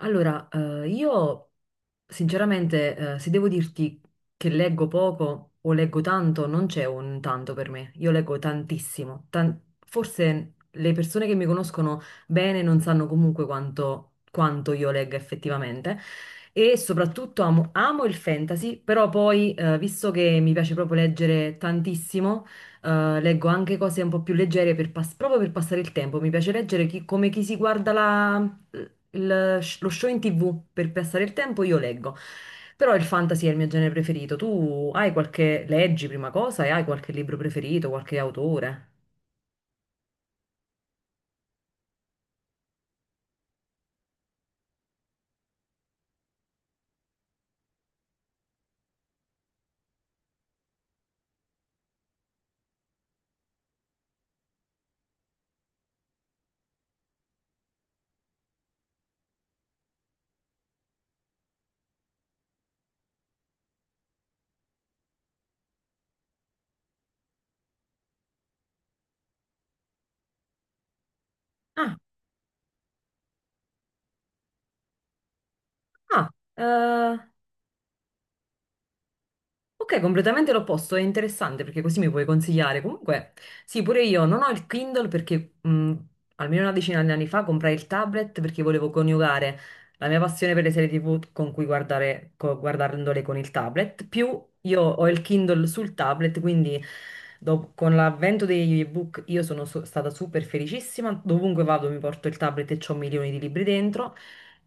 Io sinceramente, se devo dirti che leggo poco o leggo tanto, non c'è un tanto per me. Io leggo tantissimo. Forse le persone che mi conoscono bene non sanno comunque quanto, quanto io legga effettivamente. E soprattutto amo il fantasy, però poi, visto che mi piace proprio leggere tantissimo, leggo anche cose un po' più leggere proprio per passare il tempo. Mi piace leggere come chi si guarda lo show in TV per passare il tempo, io leggo. Però il fantasy è il mio genere preferito. Tu hai qualche, leggi prima cosa e hai qualche libro preferito, qualche autore? Ah, ah, eh. Ok, completamente l'opposto, è interessante perché così mi puoi consigliare. Comunque, sì, pure io non ho il Kindle perché almeno una decina di anni fa comprai il tablet perché volevo coniugare la mia passione per le serie TV con cui guardare, guardandole con il tablet, più io ho il Kindle sul tablet, quindi con l'avvento degli ebook io sono stata super felicissima, dovunque vado mi porto il tablet e ho milioni di libri dentro.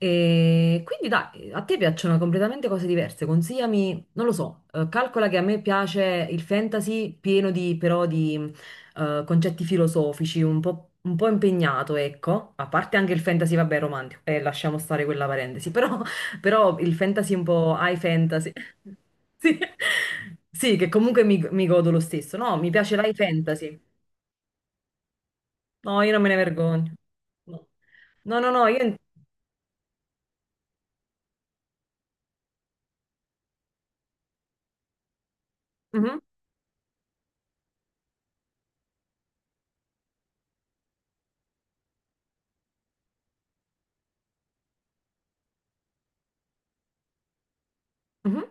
E quindi dai, a te piacciono completamente cose diverse, consigliami non lo so, calcola che a me piace il fantasy pieno di, però di concetti filosofici, un po' impegnato, ecco, a parte anche il fantasy, vabbè, romantico, e lasciamo stare quella parentesi, però, però il fantasy un po' high fantasy. sì, sì, che comunque mi godo lo stesso, no, mi piace l'high fantasy. No, io non me ne vergogno. no, no, io... Mhm, mhm.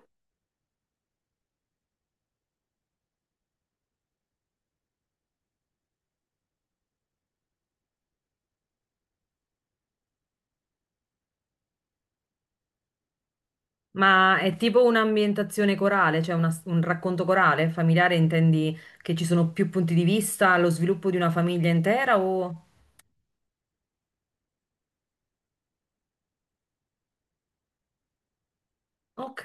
Ma è tipo un'ambientazione corale, cioè un racconto corale, familiare, intendi che ci sono più punti di vista allo sviluppo di una famiglia intera o... Ok,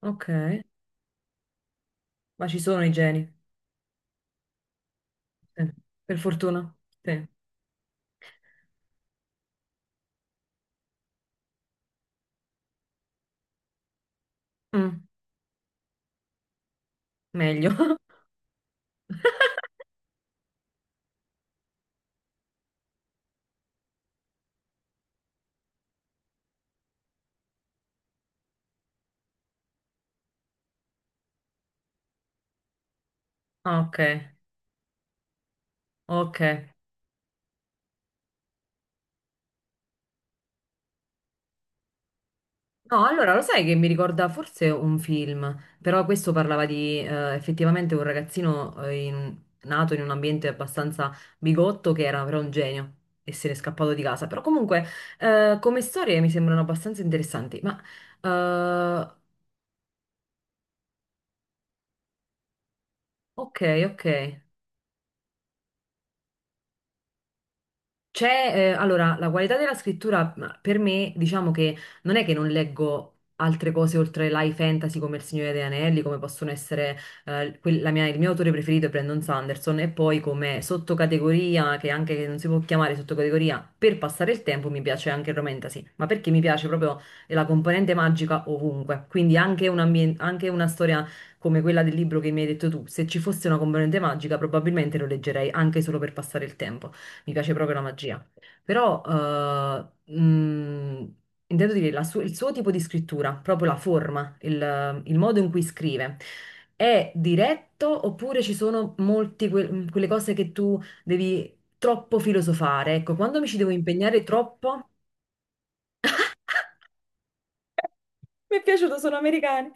ok, ma ci sono i geni. Sì. Per fortuna, sì. Mm, meglio. Ok, ok. No, allora lo sai che mi ricorda forse un film, però questo parlava di effettivamente un ragazzino nato in un ambiente abbastanza bigotto che era però un genio e se n'è scappato di casa. Però comunque come storie mi sembrano abbastanza interessanti. Ma eh, ok, ok. C'è, allora, la qualità della scrittura ma, per me, diciamo che non è che non leggo altre cose oltre l'high fantasy come Il Signore degli Anelli, come possono essere il mio autore preferito è Brandon Sanderson, e poi come sottocategoria, che anche che non si può chiamare sottocategoria, per passare il tempo mi piace anche il romantasy, ma perché mi piace proprio la componente magica ovunque, quindi anche anche una storia come quella del libro che mi hai detto tu, se ci fosse una componente magica probabilmente lo leggerei anche solo per passare il tempo. Mi piace proprio la magia. Però intendo dire il suo tipo di scrittura, proprio la forma, il modo in cui scrive. È diretto oppure ci sono molte quelle cose che tu devi troppo filosofare? Ecco, quando mi ci devo impegnare troppo. Mi è piaciuto, sono americani.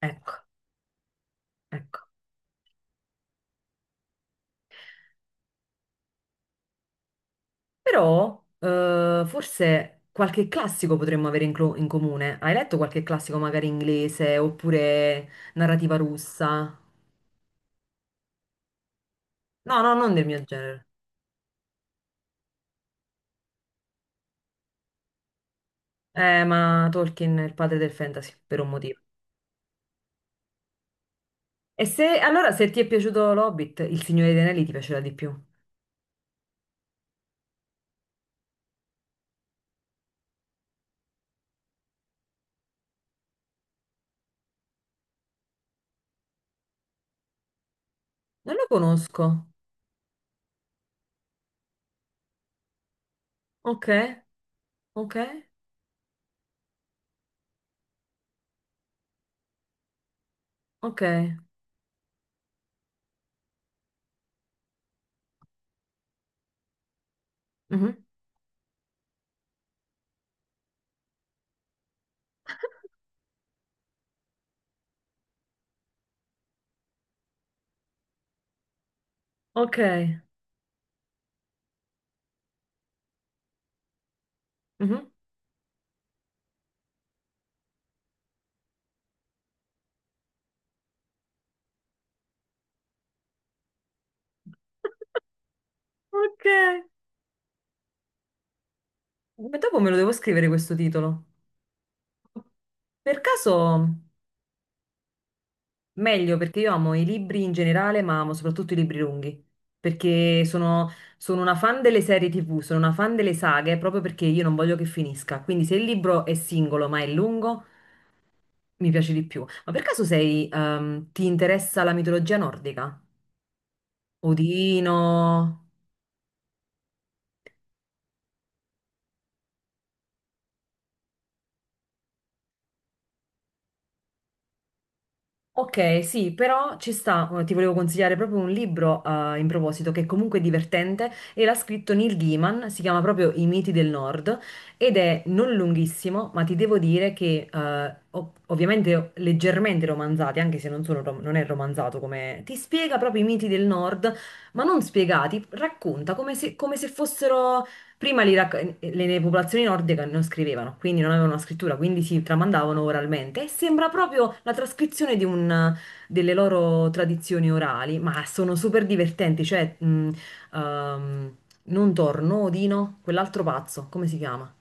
Ecco, ecco. Però forse qualche classico potremmo avere in, in comune. Hai letto qualche classico magari inglese oppure narrativa russa? No, no, non del mio genere. Ma Tolkien è il padre del fantasy, per un motivo. E se, allora, se ti è piaciuto L'Hobbit, Il Signore dei Anelli ti piacerà di più. Non lo conosco. Ok, ok, ok. Mhm. Ok, mhm. Ok. Ma dopo me lo devo scrivere questo titolo. Per caso... Meglio perché io amo i libri in generale, ma amo soprattutto i libri lunghi, perché sono una fan delle serie TV, sono una fan delle saghe proprio perché io non voglio che finisca. Quindi se il libro è singolo ma è lungo, mi piace di più. Ma per caso sei, ti interessa la mitologia nordica? Odino? Ok, sì, però ci sta, ti volevo consigliare proprio un libro in proposito che è comunque divertente e l'ha scritto Neil Gaiman, si chiama proprio I miti del Nord ed è non lunghissimo, ma ti devo dire che ovviamente leggermente romanzati, anche se non, non è romanzato come... ti spiega proprio i miti del Nord, ma non spiegati, racconta come se fossero Prima le popolazioni nordiche non scrivevano, quindi non avevano una scrittura, quindi si tramandavano oralmente e sembra proprio la trascrizione di delle loro tradizioni orali, ma sono super divertenti, cioè ehm, non torno, Odino, quell'altro pazzo, come si chiama?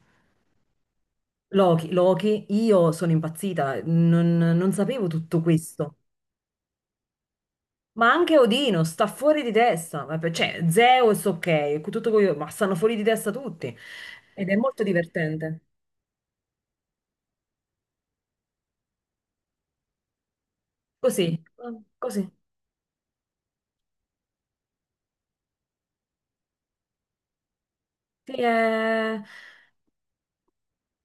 Loki, Loki, io sono impazzita, non sapevo tutto questo. Ma anche Odino sta fuori di testa, ma per- cioè Zeus ok, tutto quello, ma stanno fuori di testa tutti ed è molto divertente. Così, così. Sì, eh.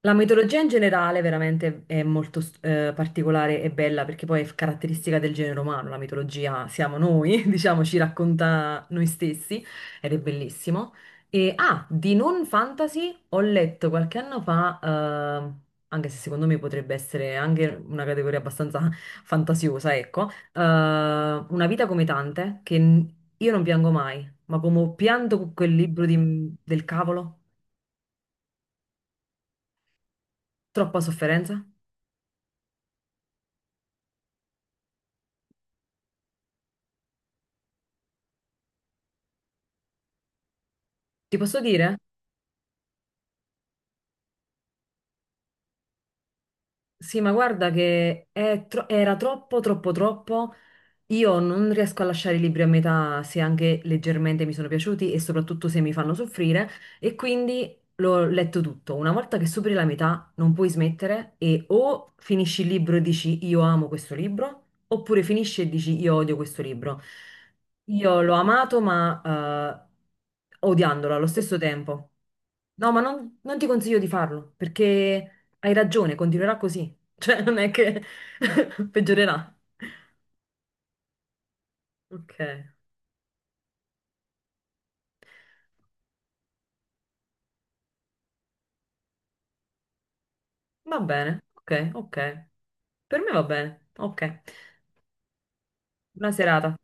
La mitologia in generale veramente è molto particolare e bella perché poi è caratteristica del genere umano, la mitologia siamo noi, diciamo, ci racconta noi stessi ed è bellissimo. E ah, di non fantasy ho letto qualche anno fa, anche se secondo me potrebbe essere anche una categoria abbastanza fantasiosa, ecco, Una vita come tante, che n- io non piango mai, ma come ho pianto con quel libro del cavolo, troppa sofferenza. Ti posso dire? Sì, ma guarda che è era troppo, troppo. Io non riesco a lasciare i libri a metà se anche leggermente mi sono piaciuti e soprattutto se mi fanno soffrire e quindi l'ho letto tutto. Una volta che superi la metà non puoi smettere e o finisci il libro e dici io amo questo libro oppure finisci e dici io odio questo libro. Io l'ho amato ma odiandolo allo stesso tempo. No, ma non ti consiglio di farlo perché hai ragione, continuerà così. Cioè non è che peggiorerà. Ok. Va bene, ok, ok. Per me va bene, ok. Buona serata.